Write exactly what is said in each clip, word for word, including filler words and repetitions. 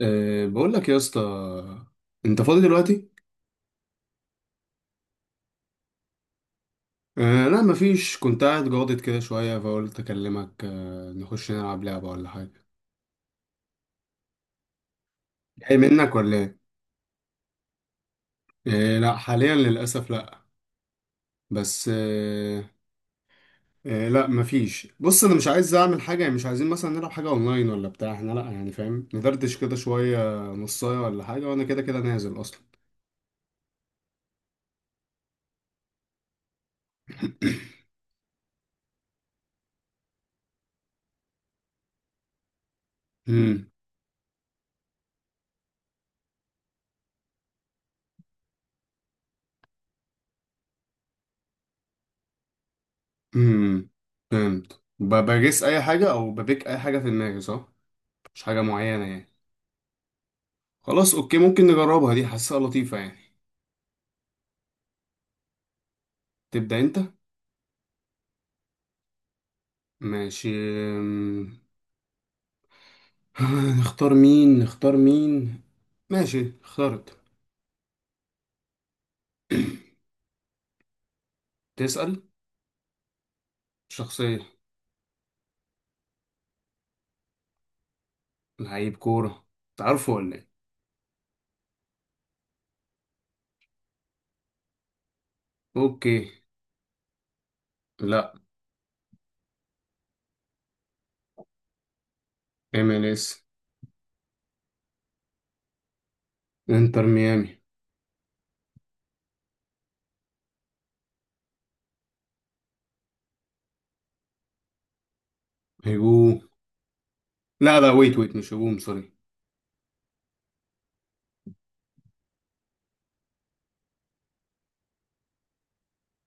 أه بقول لك يا اسطى، انت فاضي دلوقتي؟ أه لا مفيش، كنت قاعد جاضد كده شويه فقلت اكلمك. أه نخش نلعب لعبه ولا حاجه؟ جاي منك ولا ايه؟ أه لا، حاليا للاسف لا. بس أه أه لا مفيش، بص انا مش عايز اعمل حاجه، يعني مش عايزين مثلا نلعب حاجه اونلاين ولا بتاع، احنا لا، يعني فاهم، ندردش كده شويه نصايه ولا حاجه، وانا كده كده نازل اصلا. امم امم فهمت، ب- بجس اي حاجه او ببيك اي حاجه في دماغي، صح؟ مش حاجه معينه يعني. خلاص اوكي، ممكن نجربها، دي حاسسها لطيفة يعني. تبدأ انت. ماشي. أم، نختار مين نختار مين. ماشي اخترت. تسأل. شخصية. لعيب كورة. تعرفه ولا ايه؟ اوكي. لا. إم إل إس. انتر ميامي. هجوم. لا لا، ويت ويت، مش هجوم، سوري.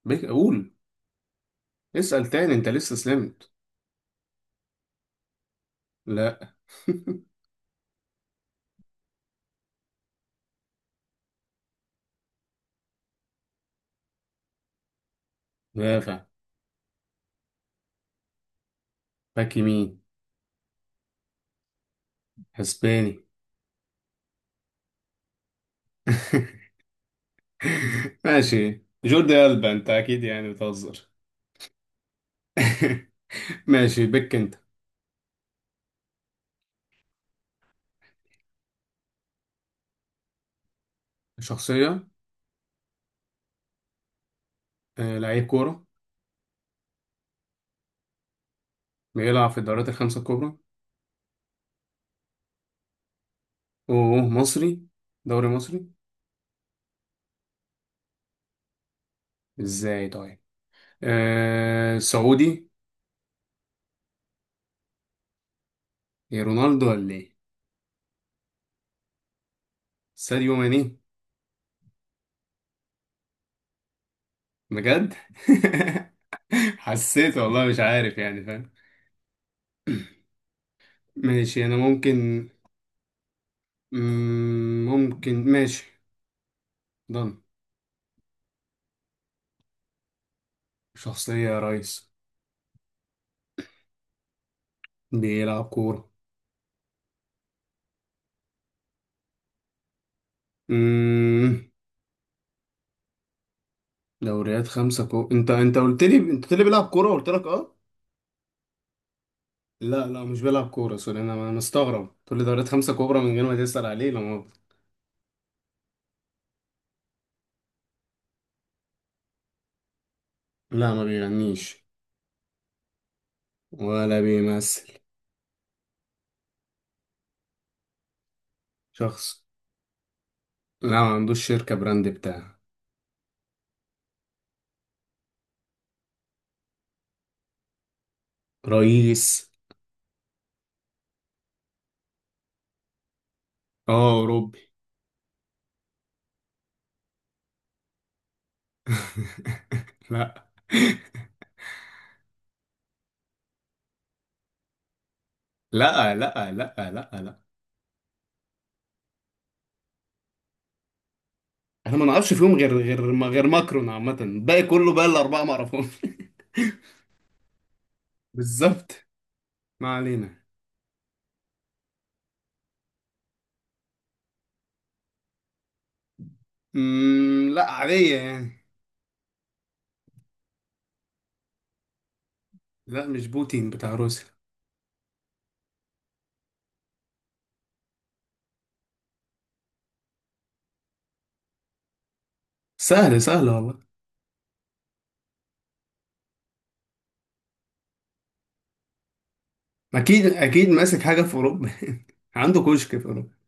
بيك اقول. اسأل تاني، انت لسه سلمت. لا. دافع. باك يمين. اسباني. ماشي جوردي ألبا، انت اكيد يعني بتهزر. ماشي، بك انت. شخصية. آه، لعيب كورة. بيلعب في الدوريات الخمسة الكبرى. اوه مصري، دوري مصري. ازاي طيب؟ آه سعودي. إيه، رونالدو ولا ايه؟ ساديو ماني. بجد؟ حسيت، والله مش عارف، يعني فاهم. ماشي انا ممكن. مم، ممكن ماشي. ضن. شخصية يا ريس. بيلعب كورة. مم، دوريات خمسة كو، انت انت قلت لي، انت قلت لي بيلعب كورة، قلت لك اه. لا لا، مش بيلعب كورة، سوري. انا انا مستغرب تقول لي دوريات خمسة كبرى من غير ما تسأل عليه، لا ما. لا ما بيغنيش. ولا بيمثل. شخص. لا، ما عندوش شركة براند بتاعه. رئيس. اه اوروبي. لا. لا لا. لا. لا لا. انا ما نعرفش فيهم غير غير ما غير ماكرون، عامة الباقي كله بقى الأربعة ما اعرفهمش. بالظبط، ما علينا. امم لا عادية يعني. لا مش بوتين بتاع روسيا. سهل سهل والله. اكيد اكيد ماسك حاجه في اوروبا. عنده كشك في اوروبا.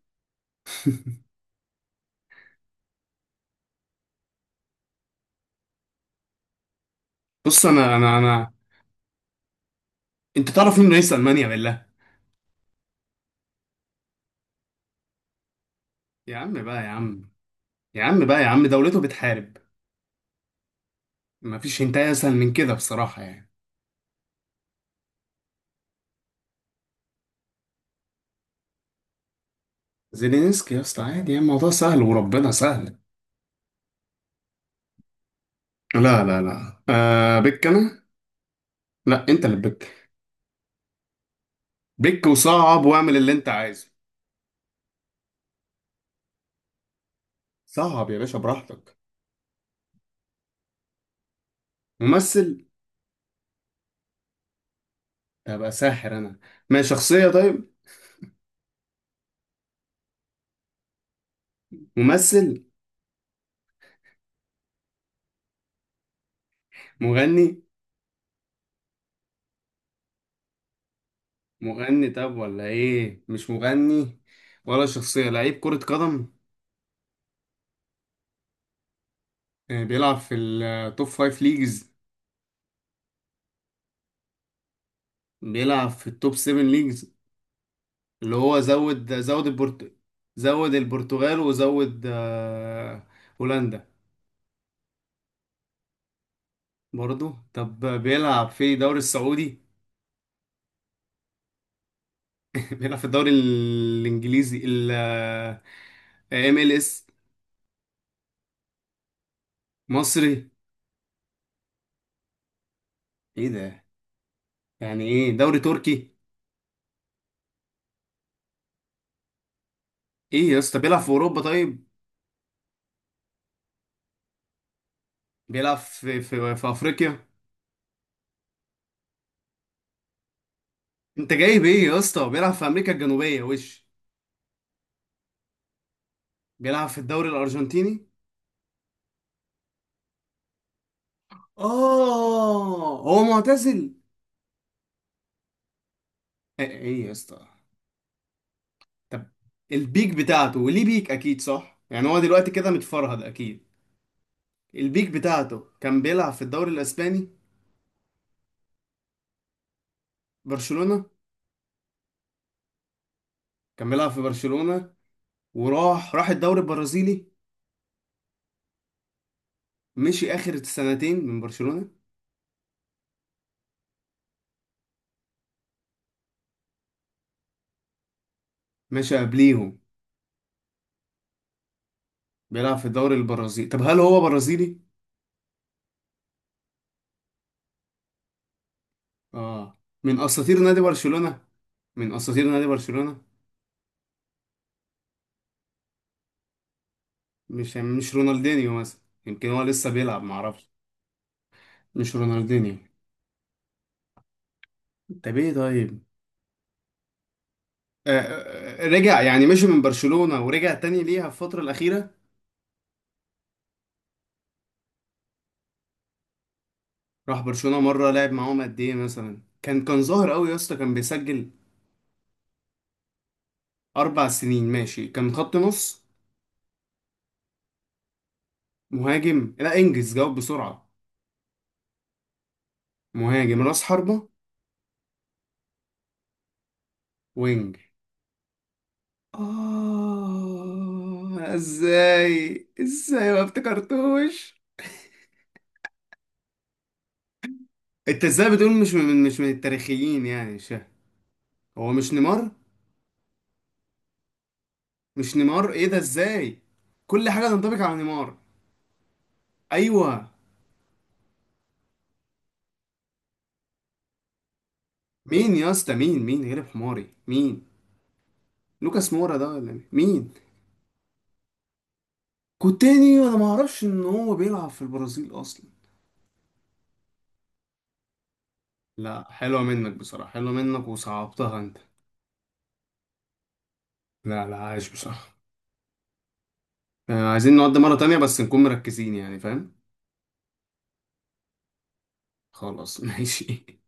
بص، انا انا انا. انت تعرف مين رئيس المانيا بالله؟ يا عم بقى يا عم. يا عم بقى يا عم، دولته بتحارب. مفيش هنتايه اسهل من كده بصراحه يعني. زيلينسكي يا اسطى، عادي يعني، الموضوع سهل وربنا سهل. لا لا لا، آه، بك انا. لا، انت اللي بك. بك وصعب، واعمل اللي انت عايزه. صعب يا باشا، براحتك. ممثل. ابقى ساحر انا. ما شخصيه طيب. ممثل. مغني. مغني طب، ولا ايه، مش مغني، ولا شخصية لعيب كرة قدم؟ آه، بيلعب في التوب فايف ليجز. بيلعب في التوب سيفن ليجز، اللي هو زود زود البرت زود البرتغال وزود، آه، هولندا. برضو طب، بيلعب في الدوري السعودي؟ بيلعب في الدوري الانجليزي، ال إم إل إس. مصري. ايه ده. يعني ايه، دوري تركي؟ ايه يا اسطى، بيلعب في اوروبا طيب؟ بيلعب في في في افريقيا. انت جايب ايه يا اسطى، بيلعب في امريكا الجنوبيه وش؟ بيلعب في الدوري الارجنتيني. اه، هو معتزل؟ ايه إيه يا اسطى. طب، البيك بتاعته، وليه بيك؟ اكيد صح يعني، هو دلوقتي كده متفرهد اكيد. البيك بتاعته كان بيلعب في الدوري الاسباني. برشلونه. كان بيلعب في برشلونه. وراح راح الدوري البرازيلي. مشي اخر سنتين من برشلونه. مشى قبليهم. بيلعب في الدوري البرازيلي، طب هل هو برازيلي؟ اه. من اساطير نادي برشلونة. من اساطير نادي برشلونة. مش يعني مش رونالدينيو مثلا. يمكن هو لسه بيلعب، معرفش. مش رونالدينيو. طب ايه طيب؟ آه آه، آه، رجع يعني، مشي من برشلونة ورجع تاني ليها في الفترة الأخيرة؟ راح برشلونة مرة، لعب معاهم قد ايه مثلا، كان كان ظاهر قوي يا اسطى، كان بيسجل؟ أربع سنين ماشي، كان خط نص؟ مهاجم، لا انجز جاوب بسرعة. مهاجم راس حربة؟ وينج. آه ازاي، ازاي ما افتكرتوش؟ انت ازاي بتقول، مش من مش من التاريخيين يعني، مش فاهم. هو مش نيمار؟ مش نيمار، ايه ده ازاي؟ كل حاجة تنطبق على نيمار. ايوه. مين يا اسطى، مين مين غلب حماري، مين؟ لوكاس مورا ده ولا مين؟ مين؟ كوتينيو، انا ما اعرفش ان هو بيلعب في البرازيل اصلا. لا حلوة منك بصراحة، حلوة منك وصعبتها انت. لا لا، عايش بصراحة. آه، عايزين نقعد مرة تانية بس نكون مركزين، يعني فاهم. خلاص ماشي.